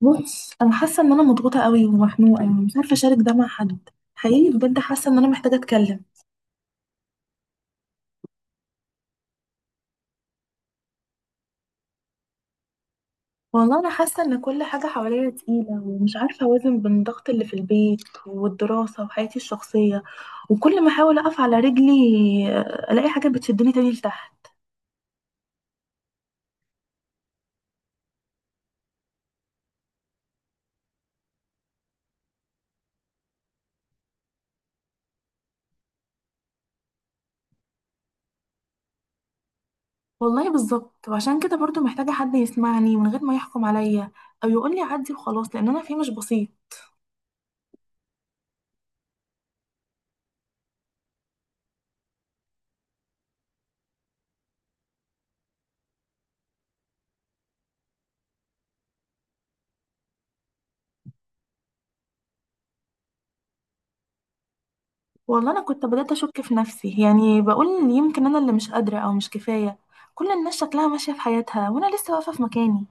بص انا حاسه ان انا مضغوطه قوي ومخنوقه ومش عارفه اشارك ده مع حد. حقيقي بجد حاسه ان انا محتاجه اتكلم. والله انا حاسه ان كل حاجه حواليا تقيله ومش عارفه اوازن بين الضغط اللي في البيت والدراسه وحياتي الشخصيه. وكل ما احاول اقف على رجلي، الاقي حاجه بتشدني تاني لتحت. والله بالظبط، وعشان كده برضو محتاجه حد يسمعني من غير ما يحكم عليا او يقول لي عدي وخلاص، لان انا فيه مش بسيط. والله انا كنت بدأت اشك في نفسي، يعني بقول يمكن انا اللي مش قادرة او مش كفاية. كل الناس شكلها ماشية في حياتها وانا لسه واقفة في مكاني.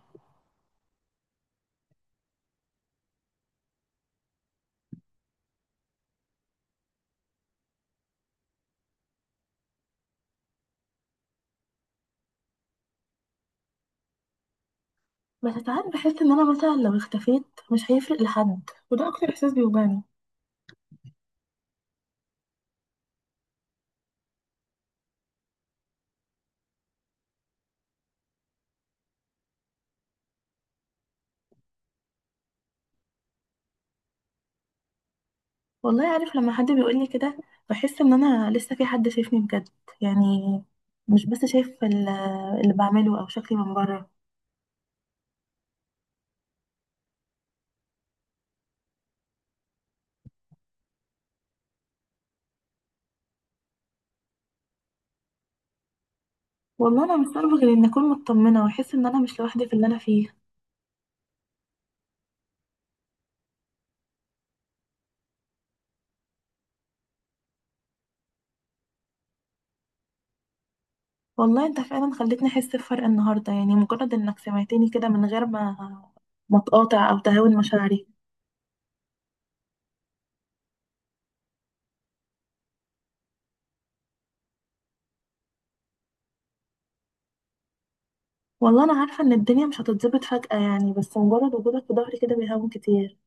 بس ساعات بحس ان انا مثلا لو اختفيت مش هيفرق لحد، وده اكتر احساس بيوجعني. والله عارف، لما حد بيقولي كده بحس ان انا لسه في حد شايفني بجد، يعني مش بس شايف اللي بعمله او شكلي من بره. والله انا مش عارفة غير ان اكون مطمنة واحس ان انا مش لوحدي في اللي انا فيه. والله انت فعلا خلتني احس بفرق النهارده، يعني مجرد انك سمعتني كده من غير ما تقاطع او تهاون مشاعري. والله انا عارفه ان الدنيا مش هتتظبط فجأة يعني، بس مجرد وجودك في ظهري كده بيهون كتير.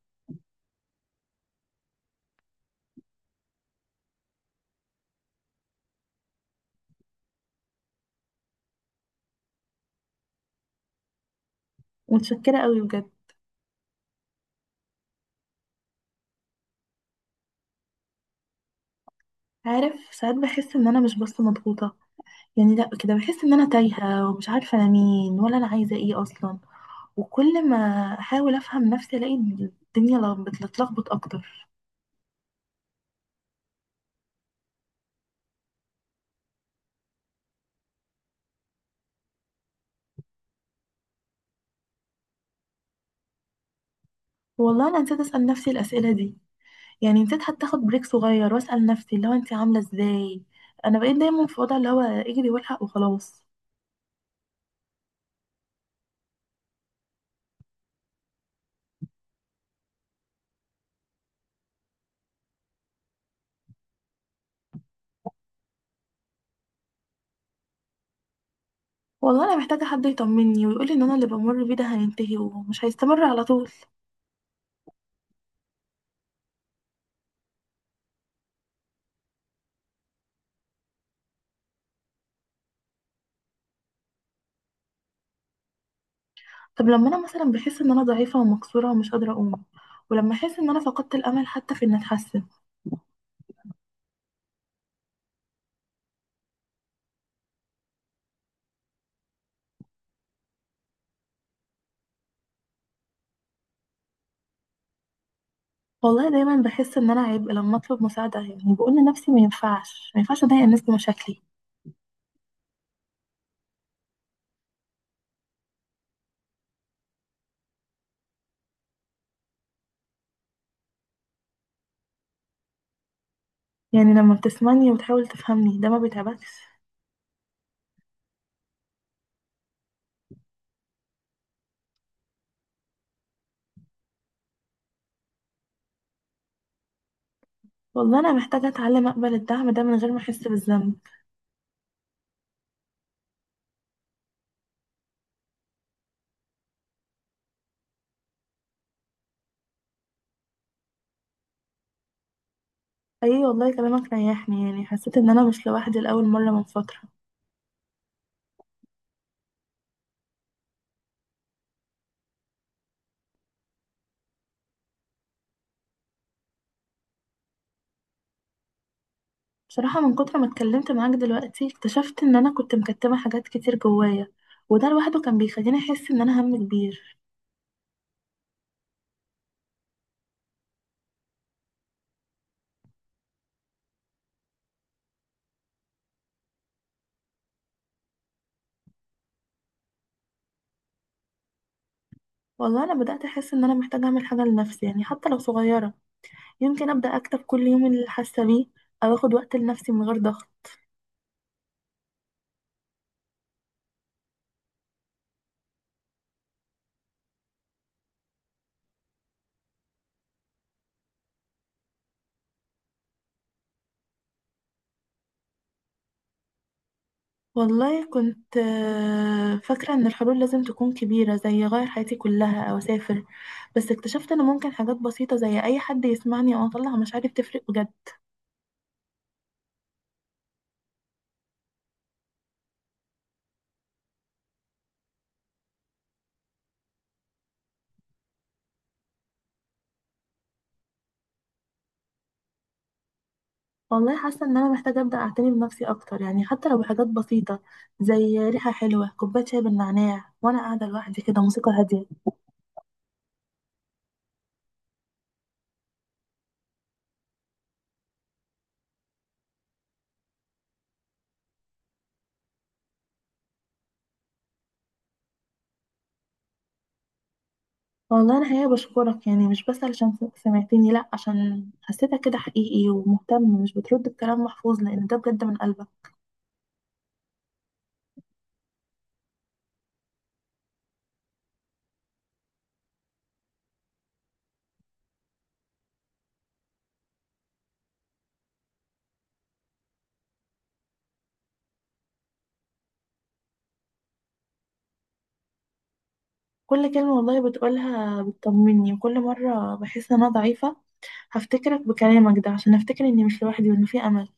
متشكره قوي بجد. عارف، ساعات بحس ان انا مش بس مضغوطه، يعني لا كده بحس ان انا تايهه ومش عارفه انا مين ولا انا عايزه ايه اصلا. وكل ما احاول افهم نفسي الاقي الدنيا بتتلخبط اكتر. والله انا نسيت اسال نفسي الاسئله دي، يعني نسيت حتى اخد بريك صغير واسال نفسي اللي هو انت عامله ازاي. انا بقيت دايما في وضع اللي هو اجري والحق وخلاص. والله انا محتاجه حد يطمني ويقولي ان انا اللي بمر بيه ده هينتهي ومش هيستمر على طول. طب لما انا مثلا بحس ان انا ضعيفه ومكسوره ومش قادره اقوم، ولما احس ان انا فقدت الامل حتى في ان اتحسن. والله دايما بحس ان انا عبء لما اطلب مساعده، يعني بقول لنفسي ما ينفعش، ما ينفعش اضايق الناس بمشاكلي. يعني لما بتسمعني وتحاول تفهمني ده ما بيتعبكش؟ والله انا محتاجه اتعلم اقبل الدعم ده من غير ما احس بالذنب. اي والله كلامك ريحني، يعني حسيت ان انا مش لوحدي لاول مره من فتره. بصراحه من كتر ما اتكلمت معاك دلوقتي اكتشفت ان انا كنت مكتمه حاجات كتير جوايا، وده لوحده كان بيخليني احس ان انا هم كبير. والله انا بدات احس ان انا محتاجه اعمل حاجه لنفسي، يعني حتى لو صغيره. يمكن ابدا اكتب كل يوم اللي حاسه بيه، او اخد وقت لنفسي من غير ضغط. والله كنت فاكره ان الحلول لازم تكون كبيره زي اغير حياتي كلها او اسافر، بس اكتشفت ان ممكن حاجات بسيطه زي اي حد يسمعني او اطلع مشاعري بتفرق بجد. والله حاسه ان انا محتاجه ابدا اعتني بنفسي اكتر، يعني حتى لو بحاجات بسيطه، زي ريحه حلوه، كوبايه شاي بالنعناع وانا قاعده لوحدي كده، موسيقى هاديه. والله انا حقيقه بشكرك، يعني مش بس علشان سمعتني، لا عشان حسيتك كده حقيقي ومهتم، مش بترد الكلام محفوظ، لان ده بجد من قلبك. كل كلمه والله بتقولها بتطمني، وكل مره بحس ان انا ضعيفه هفتكرك بكلامك ده عشان افتكر اني مش لوحدي وانه في امل.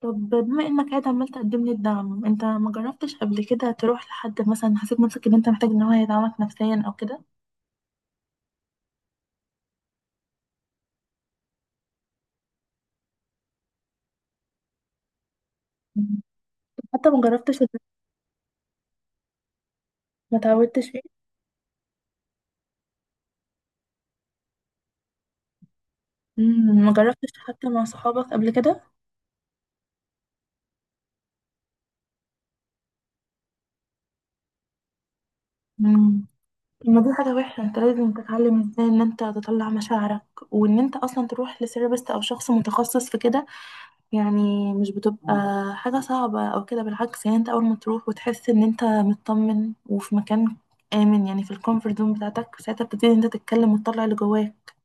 طب بما انك قاعد عمال تقدم لي الدعم، انت ما جربتش قبل كده تروح لحد، مثلا حسيت نفسك ان انت محتاج ان هو يدعمك نفسيا او كده؟ مم. حتى ما جربتش ما تعودتش فيه. مم، ما جربتش حتى مع صحابك قبل كده؟ مم. طب ما دي حاجة وحشة، انت لازم تتعلم ازاي ان انت تطلع مشاعرك، وان انت اصلا تروح لسيرابست او شخص متخصص في كده. يعني مش بتبقى حاجة صعبة أو كده، بالعكس، يعني أنت أول ما تروح وتحس إن أنت مطمن وفي مكان آمن، يعني في الكومفورت زون بتاعتك، ساعتها بتبتدي إن أنت تتكلم وتطلع اللي جواك.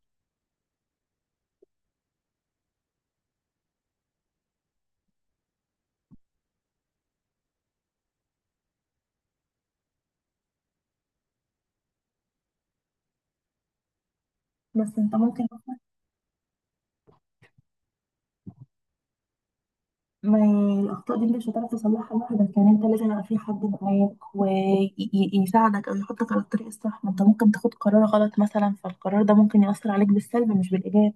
بس أنت ممكن ما الأخطاء دي أنت مش هتعرف تصلحها لوحدك، يعني أنت لازم يبقى في حد معاك ويساعدك أو يحطك على الطريق الصح، ما أنت ممكن تاخد قرار غلط مثلا، فالقرار ده ممكن يأثر عليك بالسلب مش بالإيجاب.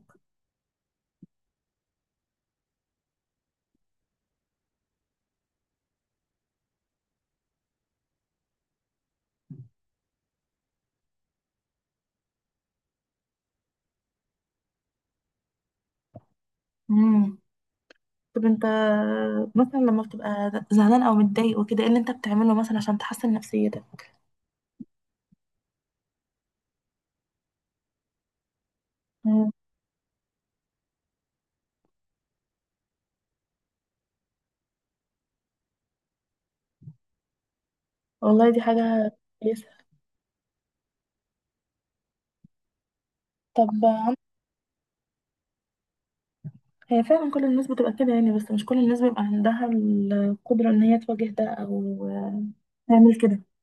مم. طب أنت مثلا لما بتبقى زعلان أو متضايق وكده، إيه اللي أنت بتعمله مثلا عشان تحسن نفسيتك؟ والله دي حاجة كويسة. طب هي فعلا كل الناس بتبقى كده يعني، بس مش كل الناس بيبقى عندها القدرة ان هي تواجه ده او تعمل كده.